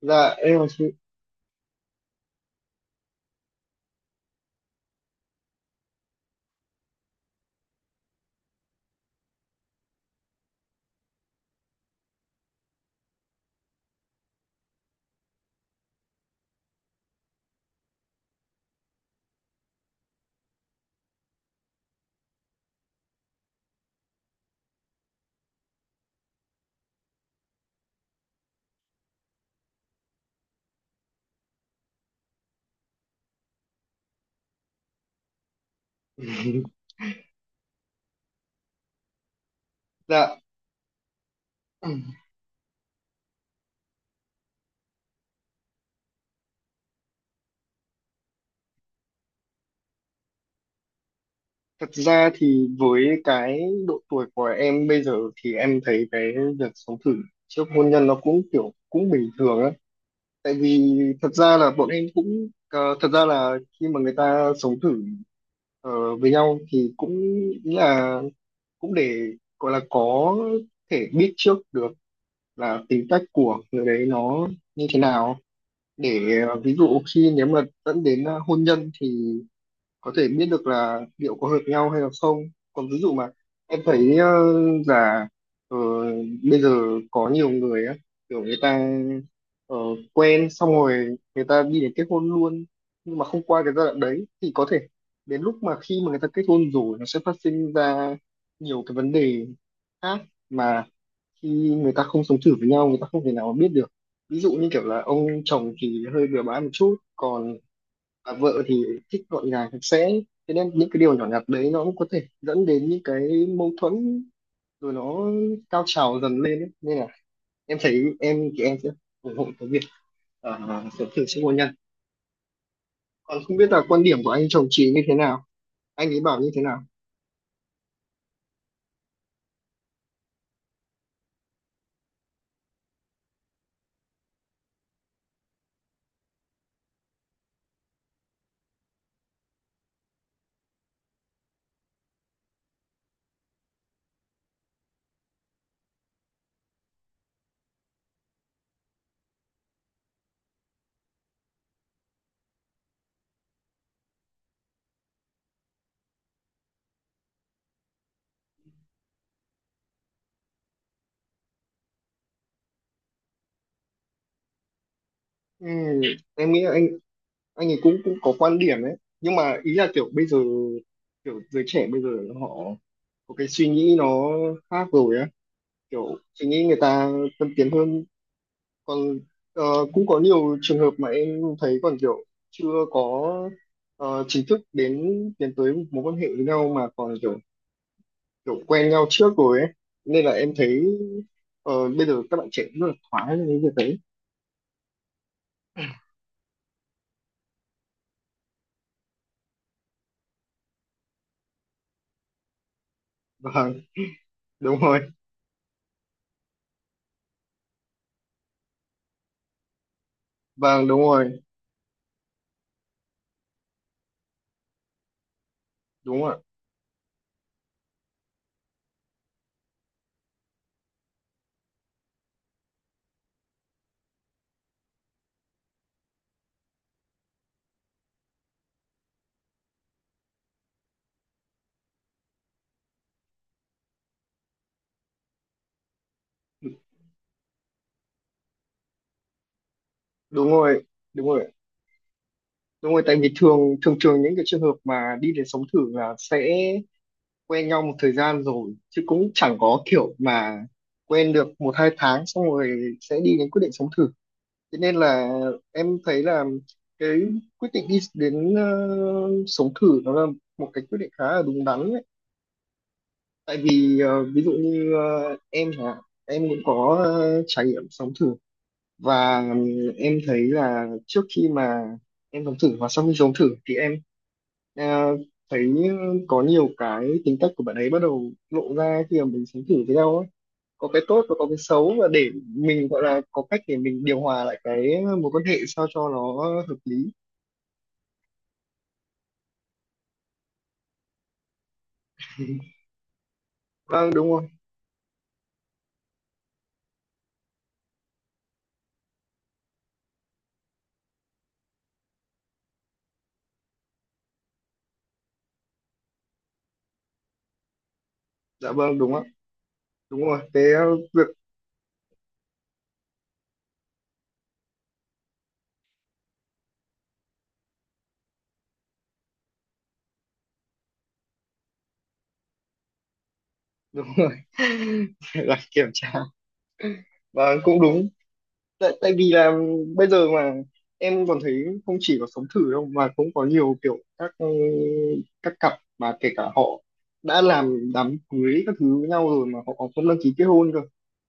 Dạ, em là chị. Dạ, thật ra thì với cái độ tuổi của em bây giờ thì em thấy cái việc sống thử trước hôn nhân nó cũng kiểu cũng bình thường á. Tại vì thật ra là bọn em cũng thật ra là khi mà người ta sống thử với nhau thì cũng nghĩ là cũng để gọi là có thể biết trước được là tính cách của người đấy nó như thế nào để ví dụ khi nếu mà dẫn đến hôn nhân thì có thể biết được là liệu có hợp nhau hay là không. Còn ví dụ mà em thấy là ờ, bây giờ có nhiều người á, kiểu người ta ờ, quen xong rồi người ta đi đến kết hôn luôn, nhưng mà không qua cái giai đoạn đấy thì có thể đến lúc mà khi mà người ta kết hôn rồi nó sẽ phát sinh ra nhiều cái vấn đề khác mà khi người ta không sống thử với nhau người ta không thể nào mà biết được. Ví dụ như kiểu là ông chồng thì hơi bừa bãi một chút còn và vợ thì thích gọn gàng sạch sẽ, thế nên những cái điều nhỏ nhặt đấy nó cũng có thể dẫn đến những cái mâu thuẫn rồi nó cao trào dần lên ấy. Nên là em thấy em thì em sẽ ủng hộ cái việc sớm thử sức hôn nhân. Còn không biết là quan điểm của anh chồng chị như thế nào, anh ấy bảo như thế nào. Ừ, em nghĩ là anh ấy cũng cũng có quan điểm đấy nhưng mà ý là kiểu bây giờ kiểu giới trẻ bây giờ họ có cái suy nghĩ nó khác rồi á, kiểu suy nghĩ người ta tân tiến hơn. Còn ờ, cũng có nhiều trường hợp mà em thấy còn kiểu chưa có chính thức đến tiến tới mối quan hệ với nhau mà còn kiểu kiểu quen nhau trước rồi ấy, nên là em thấy bây giờ các bạn trẻ cũng rất là thoải với cái việc đấy. Vâng, đúng rồi. Vâng, đúng rồi. Đúng rồi, đúng rồi, đúng rồi, đúng rồi, tại vì thường thường thường những cái trường hợp mà đi đến sống thử là sẽ quen nhau một thời gian rồi chứ cũng chẳng có kiểu mà quen được một hai tháng xong rồi sẽ đi đến quyết định sống thử. Thế nên là em thấy là cái quyết định đi đến sống thử nó là một cái quyết định khá là đúng đắn đấy. Tại vì ví dụ như em hả, em cũng có trải nghiệm sống thử và em thấy là trước khi mà em sống thử và sau khi sống thử thì em ờ, thấy có nhiều cái tính cách của bạn ấy bắt đầu lộ ra khi mà mình sống thử với nhau á, có cái tốt và có cái xấu, và để mình gọi là có cách để mình điều hòa lại cái mối quan hệ sao cho nó hợp lý. Vâng, đúng rồi. Dạ vâng, đúng ạ. Đúng rồi, cái việc đúng rồi. Là kiểm tra. Vâng, cũng đúng. Tại vì là bây giờ mà em còn thấy không chỉ có sống thử đâu mà cũng có nhiều kiểu các các cặp mà kể cả họ đã làm đám cưới các thứ với nhau rồi mà họ còn không đăng ký kết hôn cơ.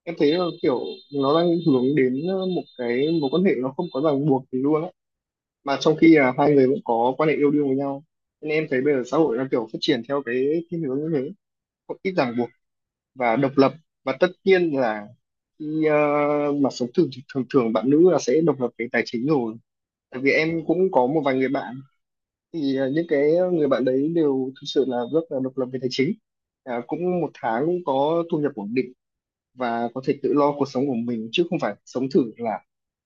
Em thấy là kiểu nó đang hướng đến một cái mối quan hệ nó không có ràng buộc gì luôn á, mà trong khi là hai người cũng có quan hệ yêu đương với nhau, nên em thấy bây giờ xã hội đang kiểu phát triển theo cái thiên hướng như thế, có ít ràng buộc và độc lập. Và tất nhiên là khi mà sống thường thường thường bạn nữ là sẽ độc lập về tài chính rồi. Tại vì em cũng có một vài người bạn, thì những cái người bạn đấy đều thực sự là rất là độc lập về tài chính. À, cũng một tháng cũng có thu nhập ổn định và có thể tự lo cuộc sống của mình, chứ không phải sống thử là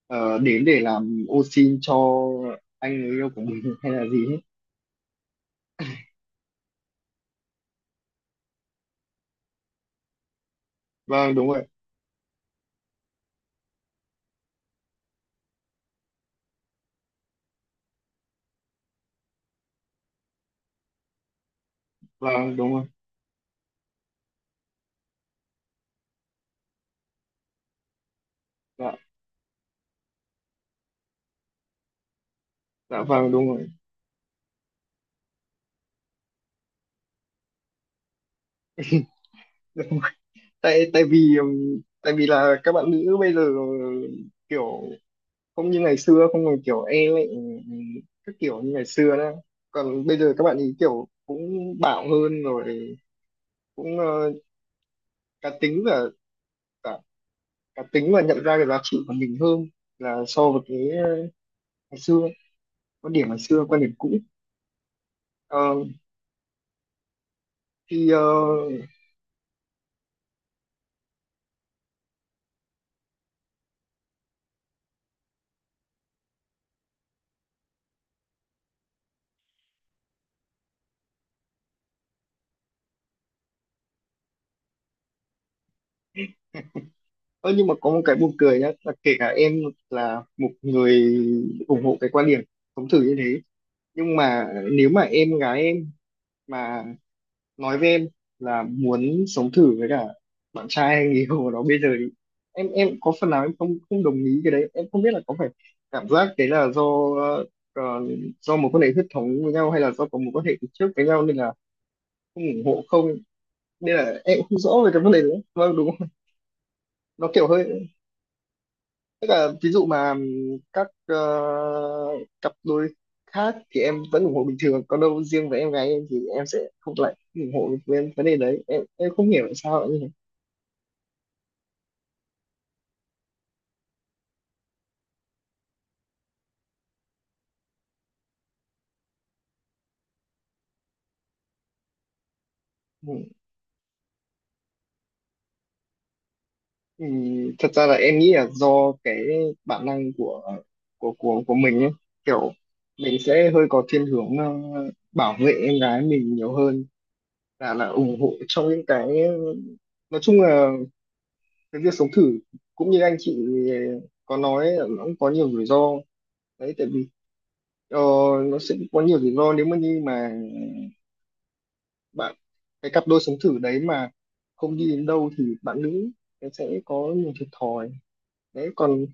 đến để làm ô xin cho anh người yêu của mình hay là gì hết. Vâng, đúng rồi. Vâng, đúng rồi. Dạ. Dạ vâng, đúng rồi. Tại tại vì ừm, tại vì là các bạn nữ bây giờ kiểu không như ngày xưa, không còn kiểu e lệ các kiểu như ngày xưa nữa. Còn bây giờ các bạn ý kiểu cũng bạo hơn rồi, cũng cá tính và cả, cá tính và nhận ra cái giá trị của mình hơn là so với cái ngày xưa, quan điểm ngày xưa, quan điểm cũ. Ờ, thì ờ, Ơ, nhưng mà có một cái buồn cười nhá là kể cả em là một người ủng hộ cái quan điểm sống thử như thế, nhưng mà nếu mà em gái em mà nói với em là muốn sống thử với cả bạn trai hay người yêu của nó bây giờ thì em có phần nào em không không đồng ý cái đấy. Em không biết là có phải cảm giác đấy là do ờ, do một quan hệ huyết thống với nhau hay là do có một quan hệ từ trước với nhau nên là không ủng hộ không, nên là em cũng không rõ về cái vấn đề đấy. Vâng, đúng không? Nó kiểu hơi. Tức là ví dụ mà các cặp đôi khác thì em vẫn ủng hộ bình thường, còn đâu riêng với em gái em thì em sẽ không lại ủng hộ với vấn đề đấy. Em không hiểu tại sao lại như thế. Ừ. Ừ, thật ra là em nghĩ là do cái bản năng của mình ấy, kiểu mình sẽ hơi có thiên hướng bảo vệ em gái mình nhiều hơn là ủng hộ trong những cái, nói chung là cái việc sống thử, cũng như anh chị có nói là nó cũng có nhiều rủi ro đấy, tại vì ờ, nó sẽ có nhiều rủi ro nếu mà như mà bạn cái cặp đôi sống thử đấy mà không đi đến đâu thì bạn nữ em sẽ có nhiều thiệt thòi đấy. Còn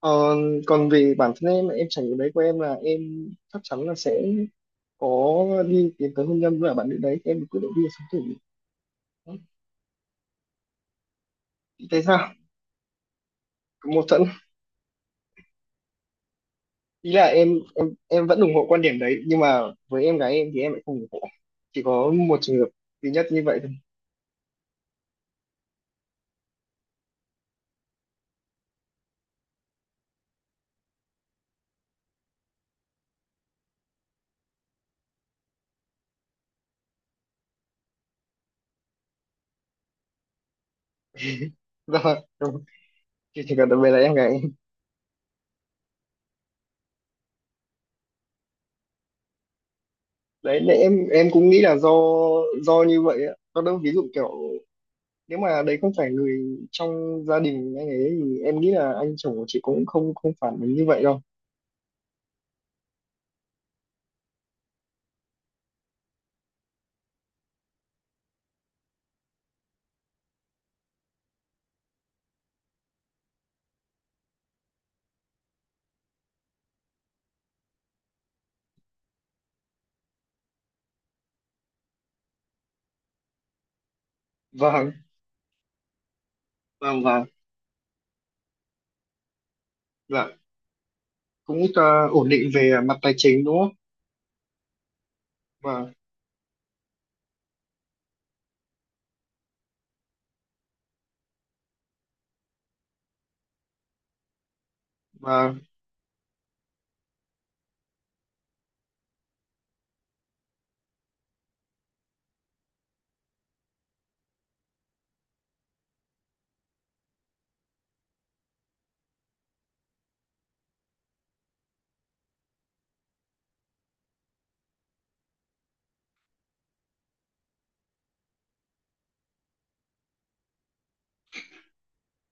ờ, còn về bản thân em trải nghiệm đấy của em là em chắc chắn là sẽ có đi tiến tới hôn nhân với cả bạn nữ đấy em quyết định đi sống thử. Chị thấy sao? Có mâu thuẫn. Ý là em vẫn ủng hộ quan điểm đấy nhưng mà với em gái em thì em lại không ủng hộ, chỉ có một trường hợp duy nhất như vậy thôi. Do chỉ cần đặc biệt là em gái em. Đấy, nên em cũng nghĩ là do như vậy á, còn đâu ví dụ kiểu nếu mà đấy không phải người trong gia đình anh ấy thì em nghĩ là anh chồng của chị cũng không không phản ứng như vậy đâu. Vâng, vâng, vâng. Dạ, cũng ổn định về mặt tài chính đúng không. Và và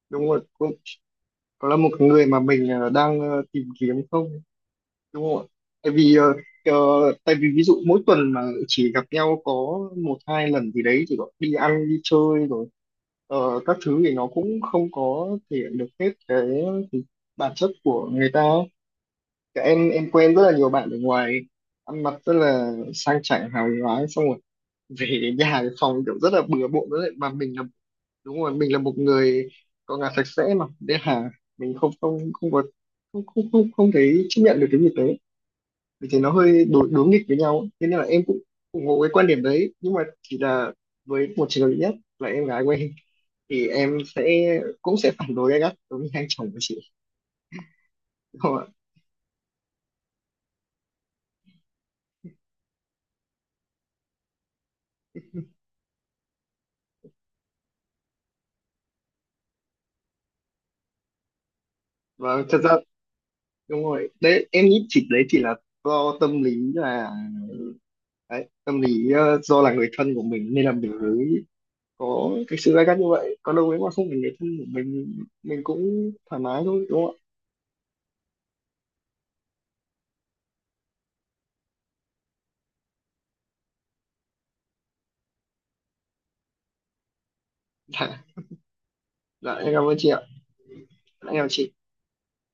đúng rồi, cũng có là một người mà mình đang tìm kiếm không, đúng không ạ? Tại vì ờ, tại vì ví dụ mỗi tuần mà chỉ gặp nhau có một hai lần gì đấy, chỉ gọi đi ăn đi chơi rồi các thứ thì nó cũng không có thể hiện được hết cái bản chất của người ta. Cả em quen rất là nhiều bạn ở ngoài ăn mặc rất là sang chảnh hào nhoáng xong rồi về đến nhà cái phòng kiểu rất là bừa bộn, với mà mình là, đúng rồi, mình là một người có nhà sạch sẽ mà, nên là mình không không không có, không thấy chấp nhận được cái việc đấy, vì thế nó hơi đối đối nghịch với nhau ấy. Thế nên là em cũng ủng hộ cái quan điểm đấy nhưng mà chỉ là với một trường hợp duy nhất là em gái của em, thì em sẽ cũng sẽ phản đối gay gắt đối với anh chồng của chị, đúng không ạ? Và thật ra đúng rồi, đấy em nghĩ chị đấy chỉ là do tâm lý là đấy, tâm lý do là người thân của mình nên là mình mới có cái sự gay gắt như vậy. Còn đâu nếu mà không phải người thân của mình cũng thoải mái thôi, đúng không ạ? Dạ. Dạ em cảm ơn chị ạ. Dạ, em chào chị.